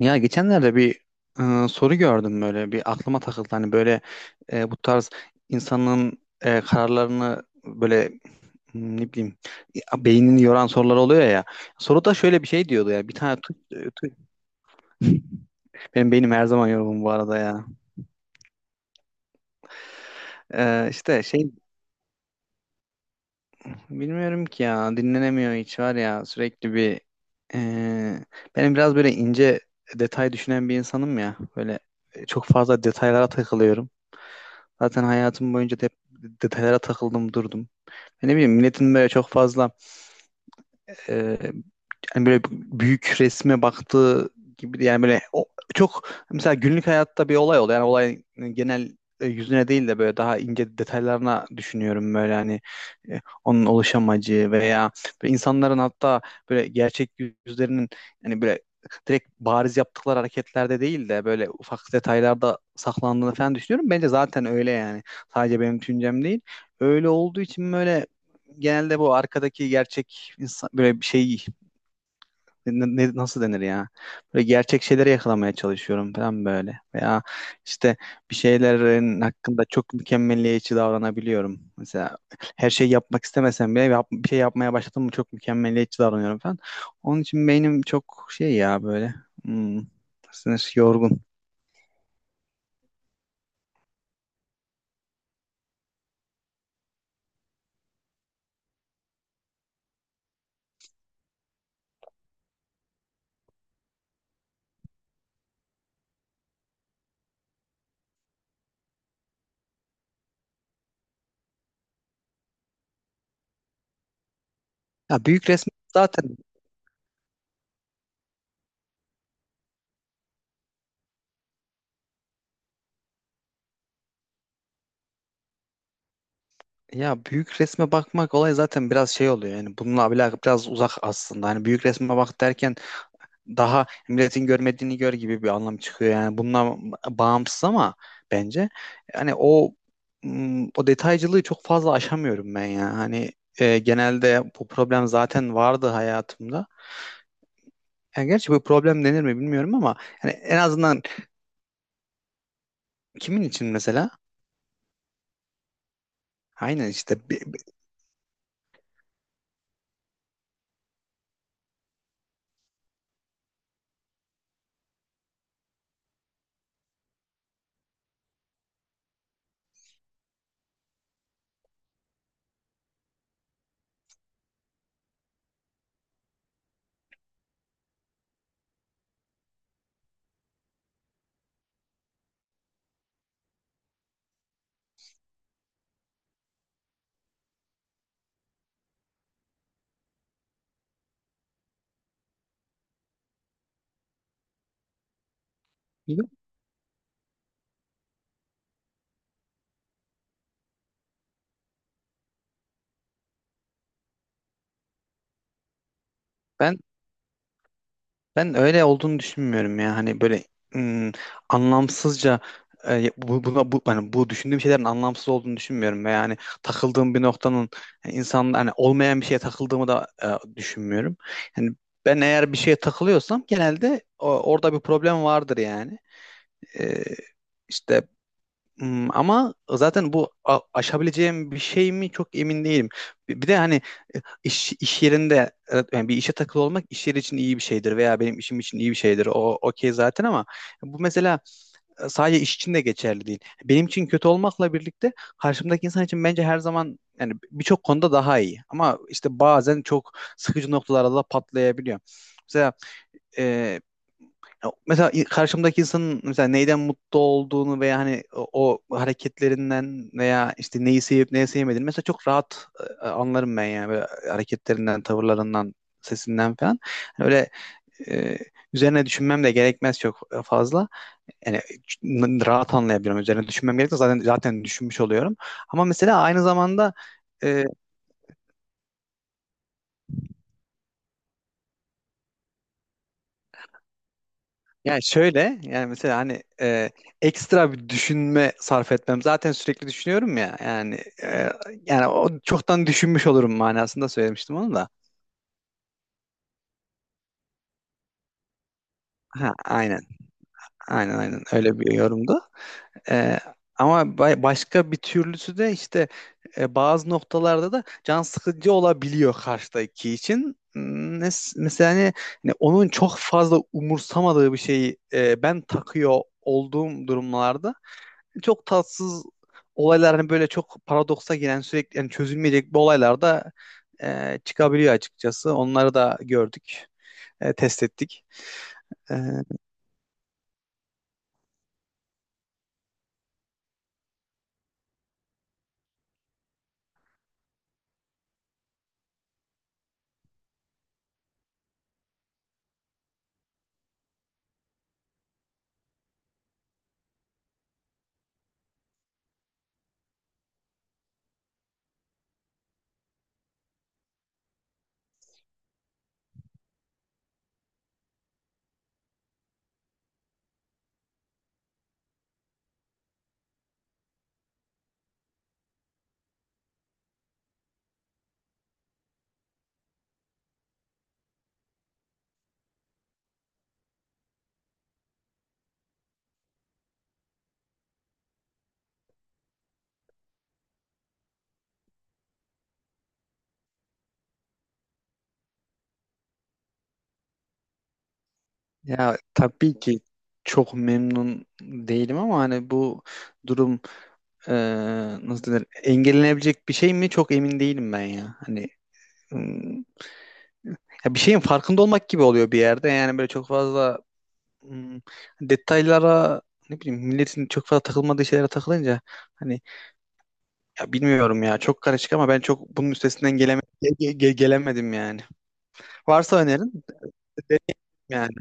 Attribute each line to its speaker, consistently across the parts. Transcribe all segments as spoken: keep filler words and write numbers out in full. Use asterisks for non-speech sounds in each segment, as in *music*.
Speaker 1: Ya geçenlerde bir e, soru gördüm, böyle bir aklıma takıldı. Hani böyle e, bu tarz insanın e, kararlarını böyle hmm, ne bileyim ya, beynini yoran sorular oluyor ya. Soruda şöyle bir şey diyordu ya, bir tane tu- tu- *laughs* benim beynim her zaman yorgun bu arada ya. E, işte şey, bilmiyorum ki ya, dinlenemiyor hiç var ya, sürekli bir e, benim biraz böyle ince detay düşünen bir insanım ya. Böyle e, çok fazla detaylara takılıyorum. Zaten hayatım boyunca da hep detaylara takıldım durdum. Hani ne bileyim, milletin böyle çok fazla e, yani böyle büyük resme baktığı gibi, yani böyle o, çok mesela günlük hayatta bir olay oluyor. Yani olayın genel e, yüzüne değil de böyle daha ince detaylarına düşünüyorum böyle. Hani e, onun oluş amacı veya böyle insanların, hatta böyle gerçek yüzlerinin, yani böyle direkt bariz yaptıkları hareketlerde değil de böyle ufak detaylarda saklandığını falan düşünüyorum. Bence zaten öyle yani. Sadece benim düşüncem değil. Öyle olduğu için böyle genelde bu arkadaki gerçek insan, böyle bir şey, ne, ne- nasıl denir ya? Böyle gerçek şeyleri yakalamaya çalışıyorum falan böyle. Veya işte bir şeylerin hakkında çok mükemmeliyetçi davranabiliyorum. Mesela her şeyi yapmak istemesem bile yap- bir şey yapmaya başladım mı çok mükemmeliyetçi davranıyorum falan. Onun için beynim çok şey ya böyle. Hmm, Nasıl yorgun. Ya büyük resme zaten, ya büyük resme bakmak olay zaten biraz şey oluyor. Yani bununla alakalı biraz uzak aslında. Hani büyük resme bak derken daha milletin görmediğini gör gibi bir anlam çıkıyor, yani bundan bağımsız. Ama bence yani o m, o detaycılığı çok fazla aşamıyorum ben ya. Hani e, genelde bu problem zaten vardı hayatımda, yani gerçi bu problem denir mi bilmiyorum ama yani en azından kimin için mesela, aynen işte bi- bi- ben Ben öyle olduğunu düşünmüyorum ya. Hani böyle ım, anlamsızca e, bu, buna bu hani bu düşündüğüm şeylerin anlamsız olduğunu düşünmüyorum ve yani takıldığım bir noktanın, yani insan, hani olmayan bir şeye takıldığımı da e, düşünmüyorum. Yani ben eğer bir şeye takılıyorsam genelde o- orada bir problem vardır yani. E, işte ım, ama zaten bu a- aşabileceğim bir şey mi çok emin değilim. Bir bir de hani iş, iş yerinde evet, yani bir işe takılı olmak iş yeri için iyi bir şeydir veya benim işim için iyi bir şeydir. O okey zaten ama bu mesela e, sadece iş için de geçerli değil. Benim için kötü olmakla birlikte karşımdaki insan için bence her zaman, yani birçok konuda daha iyi. Ama işte bazen çok sıkıcı noktalarda da patlayabiliyor. Mesela e, ya mesela i- karşımdaki insanın mesela neyden mutlu olduğunu veya hani o, o hareketlerinden veya işte neyi sevip neyi sevmediğini mesela çok rahat e, e, anlarım ben yani. Böyle hareketlerinden, tavırlarından, sesinden falan. Hani öyle e, üzerine düşünmem de gerekmez çok e, fazla. Yani n- rahat anlayabilirim. Üzerine düşünmem gerekmez, zaten zaten düşünmüş oluyorum. Ama mesela aynı zamanda e, yani şöyle, yani mesela hani e, ekstra bir düşünme sarf etmem. Zaten sürekli düşünüyorum ya yani e, yani o çoktan düşünmüş olurum manasında söylemiştim onu da. Ha, aynen, aynen aynen öyle bir yorumdu. E, Ama ba- başka bir türlüsü de işte e, bazı noktalarda da can sıkıcı olabiliyor karşıdaki için. Hmm, mes- Mesela hani, hani onun çok fazla umursamadığı bir şeyi e, ben takıyor olduğum durumlarda çok tatsız olaylar, hani böyle çok paradoksa giren sürekli, yani çözülmeyecek bir olaylar da e, çıkabiliyor açıkçası. Onları da gördük, e, test ettik. E, Ya tabii ki çok memnun değilim ama hani bu durum e, nasıl denir, engellenebilecek bir şey mi çok emin değilim ben ya. Hani ım, ya bir şeyin farkında olmak gibi oluyor bir yerde, yani böyle çok fazla ım, detaylara, ne bileyim milletin çok fazla takılmadığı şeylere takılınca hani, ya bilmiyorum ya, çok karışık. Ama ben çok bunun üstesinden geleme ge- ge- ge- gelemedim yani. Varsa önerin de derim yani.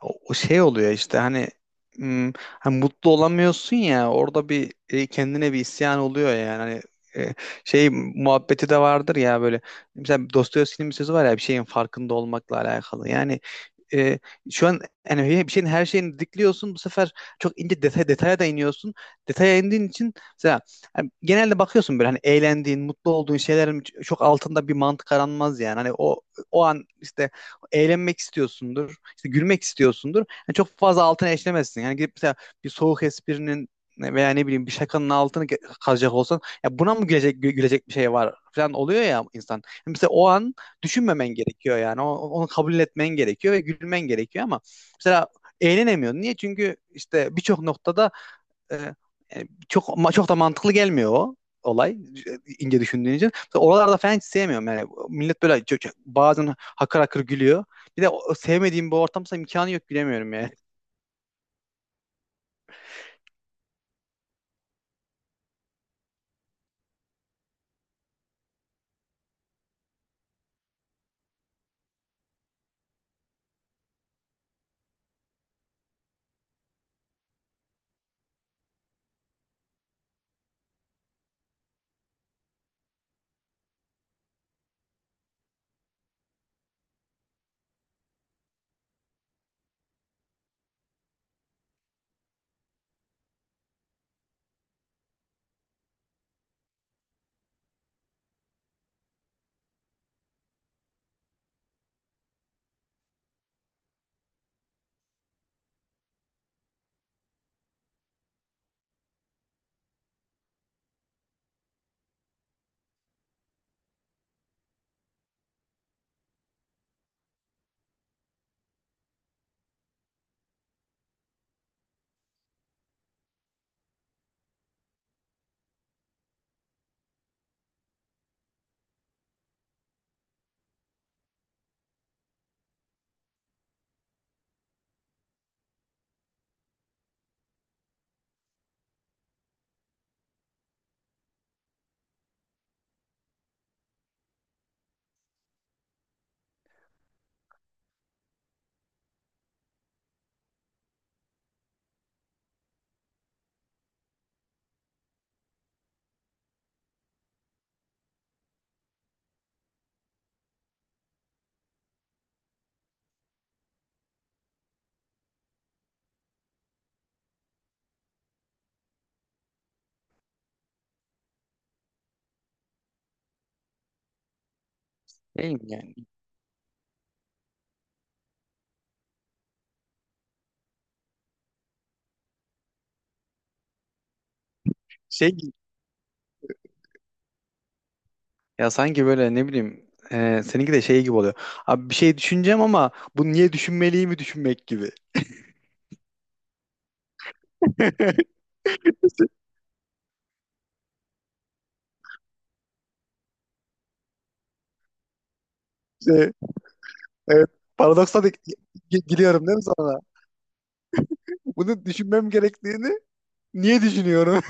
Speaker 1: O, o şey oluyor işte hani, hmm, hani mutlu olamıyorsun ya, orada bir e, kendine bir isyan oluyor yani. Hani, e, şey muhabbeti de vardır ya böyle. Mesela Dostoyevski'nin bir sözü var ya, bir şeyin farkında olmakla alakalı. Yani e, şu an yani he- bir şeyin her şeyini dikliyorsun. Bu sefer çok ince detay, detaya da iniyorsun. Detaya indiğin için mesela yani genelde bakıyorsun böyle, hani eğlendiğin, mutlu olduğun şeylerin çok altında bir mantık aranmaz yani. Hani o, o an işte eğlenmek istiyorsundur, işte gülmek istiyorsundur. Yani çok fazla altına eşlemezsin. Yani gidip mesela bir soğuk esprinin veya ne bileyim bir şakanın altını ge- kazacak olsan, ya buna mı gülecek gü- gülecek bir şey var falan oluyor ya insan. Yani mesela o an düşünmemen gerekiyor yani. O- Onu kabul etmen gerekiyor ve gülmen gerekiyor ama mesela eğlenemiyorsun. Niye? Çünkü işte birçok noktada e, e, çok ma- çok da mantıklı gelmiyor o olay e, ince düşündüğün için. Mesela oralarda falan hiç sevmiyorum yani. Millet böyle çok- çok- bazen hakır hakır gülüyor. Bir de o- o sevmediğim bu ortamsa imkanı yok, gülemiyorum yani. Değil mi yani? Şey gibi- Ya sanki böyle ne bileyim e, seninki de şey gibi oluyor. Abi bir şey düşüneceğim ama bunu niye düşünmeliyim mi düşünmek gibi. *laughs* Evet. Paradoksa da gi- giriyorum değil mi sonra? Bunu düşünmem gerektiğini niye düşünüyorum?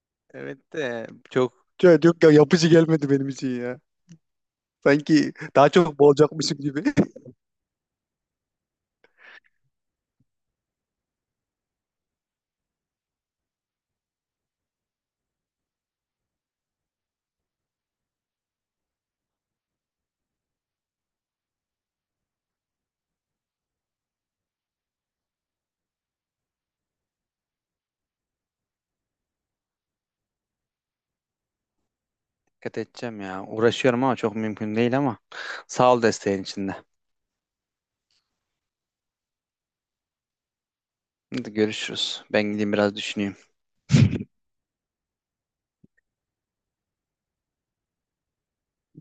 Speaker 1: *laughs* Evet de çok, Çok, çok ya- yapıcı gelmedi benim için ya. Sanki daha çok boğulacakmışım gibi. *laughs* Dikkat edeceğim ya. Uğraşıyorum ama çok mümkün değil ama sağ ol desteğin içinde. Hadi görüşürüz. Ben gideyim biraz düşüneyim.